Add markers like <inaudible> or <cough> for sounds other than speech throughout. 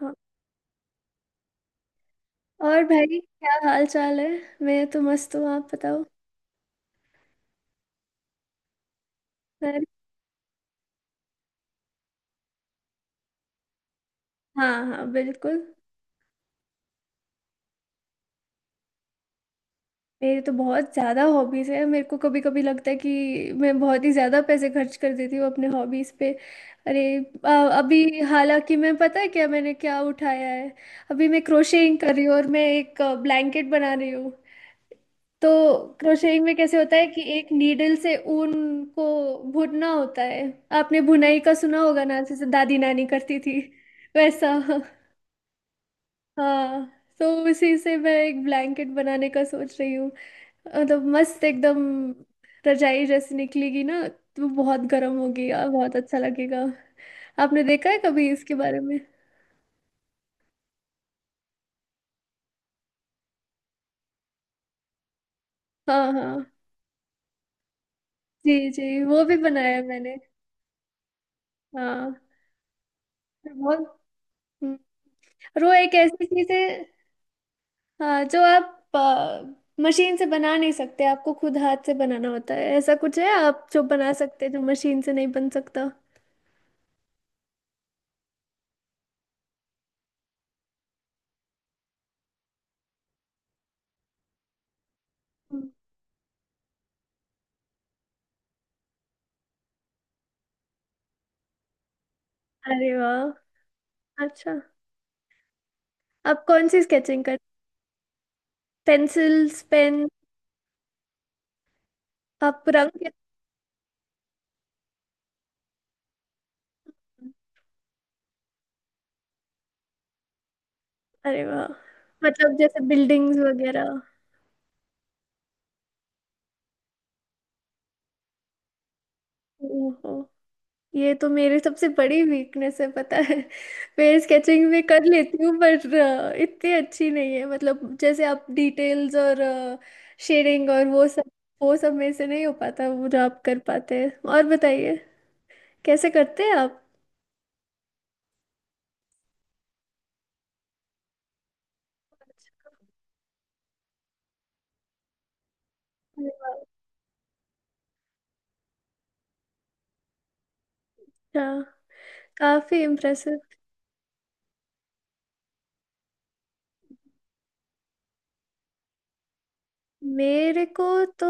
हाँ। और भाई, क्या हाल चाल है? मैं तो मस्त हूँ। आप बताओ। अरे, हाँ हाँ, बिल्कुल। मेरी तो बहुत ज़्यादा हॉबीज़ है। मेरे को कभी कभी लगता है कि मैं बहुत ही ज़्यादा पैसे खर्च कर देती हूँ अपने हॉबीज़ पे। अरे अ, अभी हालांकि मैं, पता है क्या मैंने क्या उठाया है? अभी मैं क्रोशिंग कर रही हूँ और मैं एक ब्लैंकेट बना रही हूँ। तो क्रोशेटिंग में कैसे होता है कि एक नीडल से ऊन को बुनना होता है। आपने बुनाई का सुना होगा ना, जैसे दादी नानी करती थी, वैसा। हाँ, तो उसी से मैं एक ब्लैंकेट बनाने का सोच रही हूँ। मतलब मस्त एकदम रजाई जैसी निकलेगी ना, तो बहुत गर्म होगी और बहुत अच्छा लगेगा। आपने देखा है कभी इसके बारे में? हाँ हाँ, जी जी, वो भी बनाया है मैंने। हाँ, तो बहुत। हम्म। और वो एक ऐसी चीज है, हाँ, जो आप मशीन से बना नहीं सकते, आपको खुद हाथ से बनाना होता है। ऐसा कुछ है आप जो बना सकते हैं जो मशीन से नहीं बन सकता। हम्म। अरे वाह, अच्छा। आप कौन सी स्केचिंग कर, पेंसिल्स पेन? आप रंग के? अरे वाह, मतलब जैसे बिल्डिंग्स वगैरह? ओहो, ये तो मेरी सबसे बड़ी वीकनेस है, पता है। <laughs> मैं स्केचिंग भी कर लेती हूँ पर इतनी अच्छी नहीं है। मतलब जैसे आप डिटेल्स और शेडिंग और वो सब, वो सब मेरे से नहीं हो पाता, वो जो आप कर पाते हैं। और बताइए, कैसे करते हैं आप? अच्छा, काफी इम्प्रेसिव। मेरे को तो,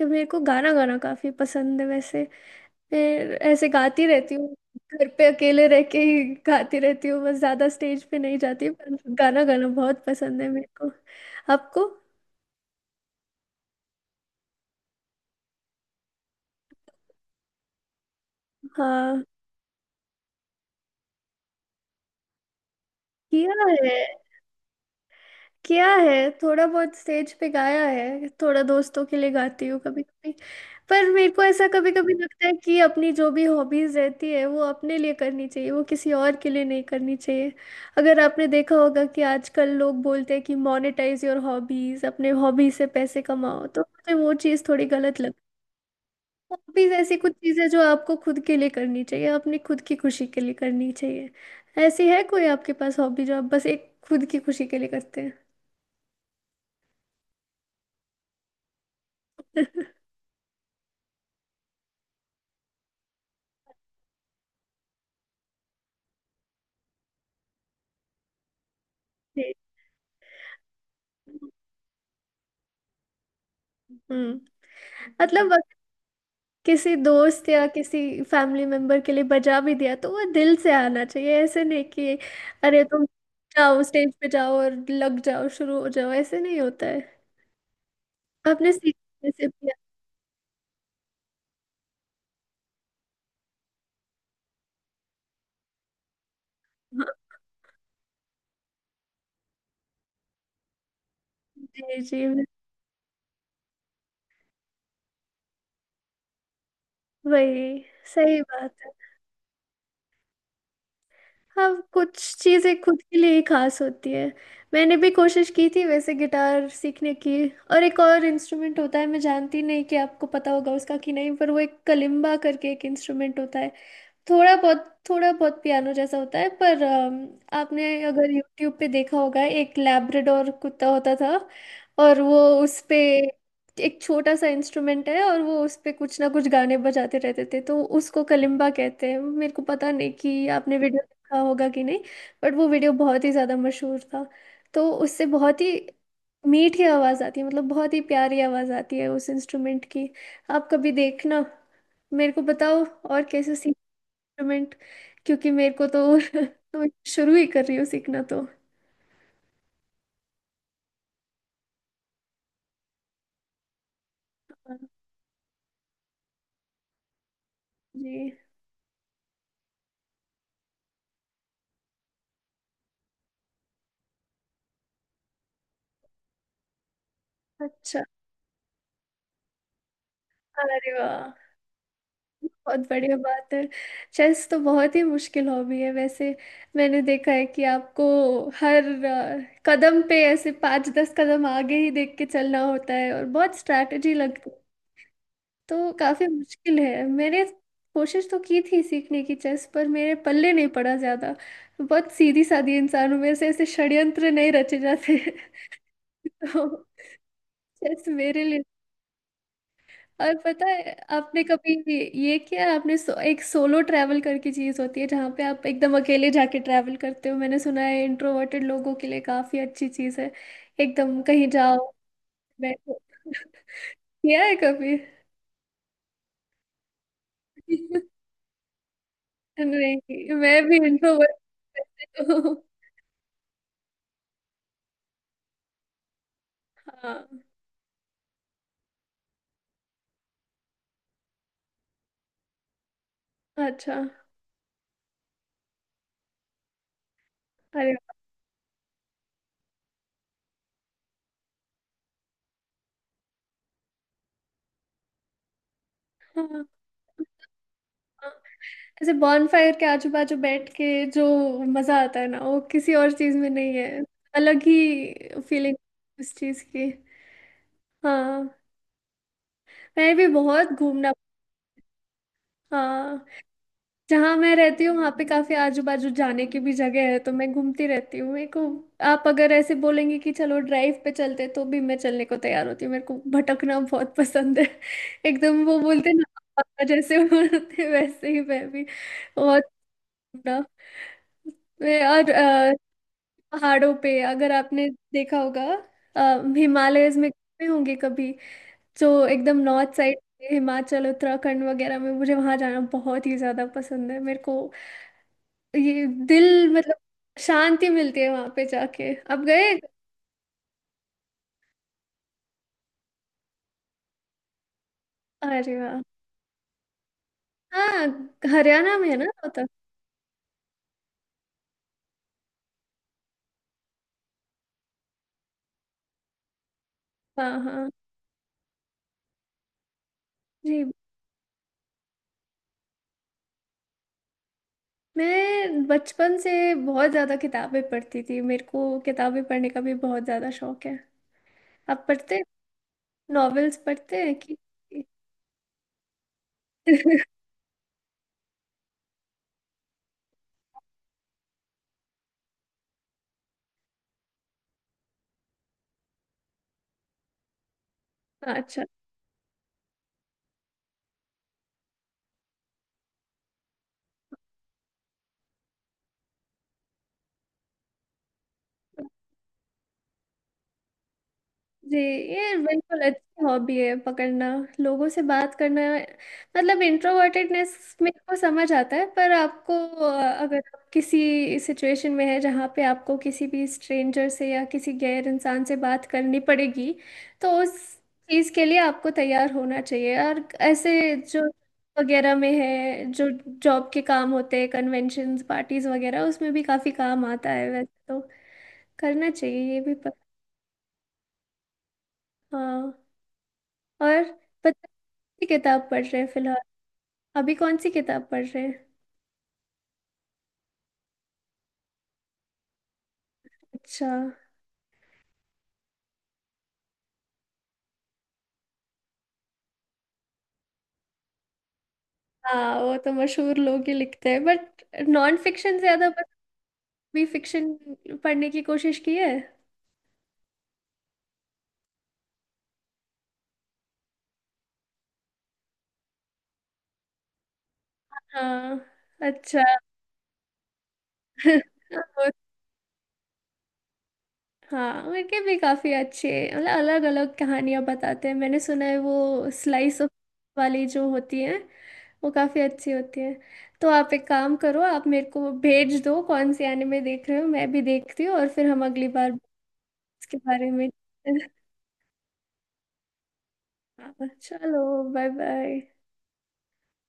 मेरे को गाना गाना काफी पसंद है वैसे। फिर ऐसे गाती रहती हूँ, घर पे अकेले रह के ही गाती रहती हूँ। बस ज्यादा स्टेज पे नहीं जाती, पर गाना गाना बहुत पसंद है मेरे को। आपको? हाँ, किया है। किया है थोड़ा बहुत। स्टेज पे गाया है थोड़ा, दोस्तों के लिए गाती हूँ कभी कभी। पर मेरे को ऐसा कभी कभी लगता है कि अपनी जो भी हॉबीज रहती है वो अपने लिए करनी चाहिए, वो किसी और के लिए नहीं करनी चाहिए। अगर आपने देखा होगा कि आजकल लोग बोलते हैं कि मोनेटाइज योर हॉबीज, अपने हॉबी से पैसे कमाओ, तो मुझे वो चीज़ थोड़ी गलत लगती है। हॉबीज ऐसी कुछ चीज़ें जो आपको खुद के लिए करनी चाहिए, अपनी खुद की खुशी के लिए करनी चाहिए। ऐसी है कोई आपके पास हॉबी जो आप बस एक खुद की खुशी के लिए करते हैं? <laughs> हम्म, मतलब अगर किसी दोस्त या किसी फैमिली मेंबर के लिए बजा भी दिया तो वो दिल से आना चाहिए। ऐसे नहीं कि अरे तुम जाओ, स्टेज पे जाओ और लग जाओ, शुरू हो जाओ, ऐसे नहीं होता है। आपने सीखने से भी, हाँ, जी जी, वही सही बात है। हाँ, कुछ चीज़ें खुद के लिए ही खास होती है। मैंने भी कोशिश की थी वैसे गिटार सीखने की। और एक और इंस्ट्रूमेंट होता है, मैं जानती नहीं कि आपको पता होगा उसका कि नहीं, पर वो एक कलिम्बा करके एक इंस्ट्रूमेंट होता है। थोड़ा बहुत, थोड़ा बहुत पियानो जैसा होता है, पर आपने अगर यूट्यूब पे देखा होगा, एक लैब्राडोर कुत्ता होता था और वो उस पे, एक छोटा सा इंस्ट्रूमेंट है और वो उस पे कुछ ना कुछ गाने बजाते रहते थे, तो उसको कलिम्बा कहते हैं। मेरे को पता नहीं कि आपने वीडियो देखा होगा कि नहीं, बट वो वीडियो बहुत ही ज़्यादा मशहूर था। तो उससे बहुत ही मीठी आवाज़ आती है, मतलब बहुत ही प्यारी आवाज़ आती है उस इंस्ट्रूमेंट की। आप कभी देखना, मेरे को बताओ और कैसे इंस्ट्रूमेंट, क्योंकि मेरे को तो <laughs> तो शुरू ही कर रही हूँ सीखना तो। हाँ, जी। अच्छा। अरे वाह, बहुत बढ़िया बात है। चेस तो बहुत ही मुश्किल हॉबी है वैसे। मैंने देखा है कि आपको हर कदम पे ऐसे पाँच दस कदम आगे ही देख के चलना होता है और बहुत स्ट्रैटेजी लगती है। तो काफी मुश्किल है। मैंने कोशिश तो की थी सीखने की चेस, पर मेरे पल्ले नहीं पड़ा ज्यादा। बहुत सीधी सादी इंसान हूँ, मेरे से ऐसे षड्यंत्र नहीं रचे जाते। <laughs> तो चेस मेरे लिए। और पता है, आपने कभी ये किया है? आपने एक सोलो ट्रैवल करके चीज होती है जहाँ पे आप एकदम अकेले जाके ट्रैवल करते हो। मैंने सुना है इंट्रोवर्टेड लोगों के लिए काफी अच्छी चीज है। एकदम कहीं जाओ, बैठो। <laughs> किया है कभी? <laughs> नहीं, मैं भी इंट्रोवर्ट हूँ। हाँ। अच्छा। अरे, हाँ, ऐसे बॉनफायर के आजू बाजू बैठ के जो मजा आता है ना वो किसी और चीज में नहीं है। अलग ही फीलिंग उस चीज की। हाँ, मैं भी बहुत घूमना। हाँ, जहाँ मैं रहती हूँ वहाँ पे काफी आजू बाजू जाने की भी जगह है, तो मैं घूमती रहती हूँ। मेरे को, आप अगर ऐसे बोलेंगे कि चलो ड्राइव पे चलते, तो भी मैं चलने को तैयार होती हूँ। मेरे को भटकना बहुत पसंद है। <laughs> एकदम वो बोलते हैं ना, पापा जैसे <laughs> बोलते हैं, वैसे ही मैं भी बहुत घूमना। मैं और पहाड़ों पे, अगर आपने देखा होगा, हिमालयस में गए होंगे कभी, जो एकदम नॉर्थ साइड हिमाचल उत्तराखंड वगैरह में, मुझे वहां जाना बहुत ही ज्यादा पसंद है। मेरे को ये दिल, मतलब शांति मिलती है वहां पे जाके। अब गए? अरे वाह। हाँ, हरियाणा में है ना रोहतक। हाँ हाँ, जी। मैं बचपन से बहुत ज्यादा किताबें पढ़ती थी, मेरे को किताबें पढ़ने का भी बहुत ज्यादा शौक है। आप पढ़ते, नॉवेल्स पढ़ते हैं कि? <laughs> अच्छा। जी, ये बिल्कुल अच्छी हॉबी है पकड़ना, लोगों से बात करना। मतलब इंट्रोवर्टेडनेस मेरे को समझ आता है, पर आपको अगर आप किसी सिचुएशन में है जहाँ पे आपको किसी भी स्ट्रेंजर से या किसी गैर इंसान से बात करनी पड़ेगी, तो उस चीज़ के लिए आपको तैयार होना चाहिए। और ऐसे जो वगैरह में है, जो जॉब के काम होते हैं, कन्वेंशंस पार्टीज वगैरह, उसमें भी काफ़ी काम आता है वैसे। तो करना चाहिए ये भी, पर, हाँ। और सी किताब पढ़ रहे हैं फिलहाल, अभी कौन सी किताब पढ़ रहे हैं? अच्छा। हाँ, वो तो मशहूर लोग ही लिखते हैं। बट नॉन फिक्शन ज्यादा, बस भी फिक्शन पढ़ने की कोशिश की है? हाँ। अच्छा। <laughs> और- हाँ, उनके भी काफी अच्छे, मतलब अलग अलग कहानियां बताते हैं। मैंने सुना है वो स्लाइस ऑफ वाली जो होती है वो काफी अच्छी होती है। तो आप एक काम करो, आप मेरे को भेज दो कौन से एनिमे देख रहे हो, मैं भी देखती हूँ और फिर हम अगली बार इसके बारे में। <laughs> हाँ, चलो। Bye bye.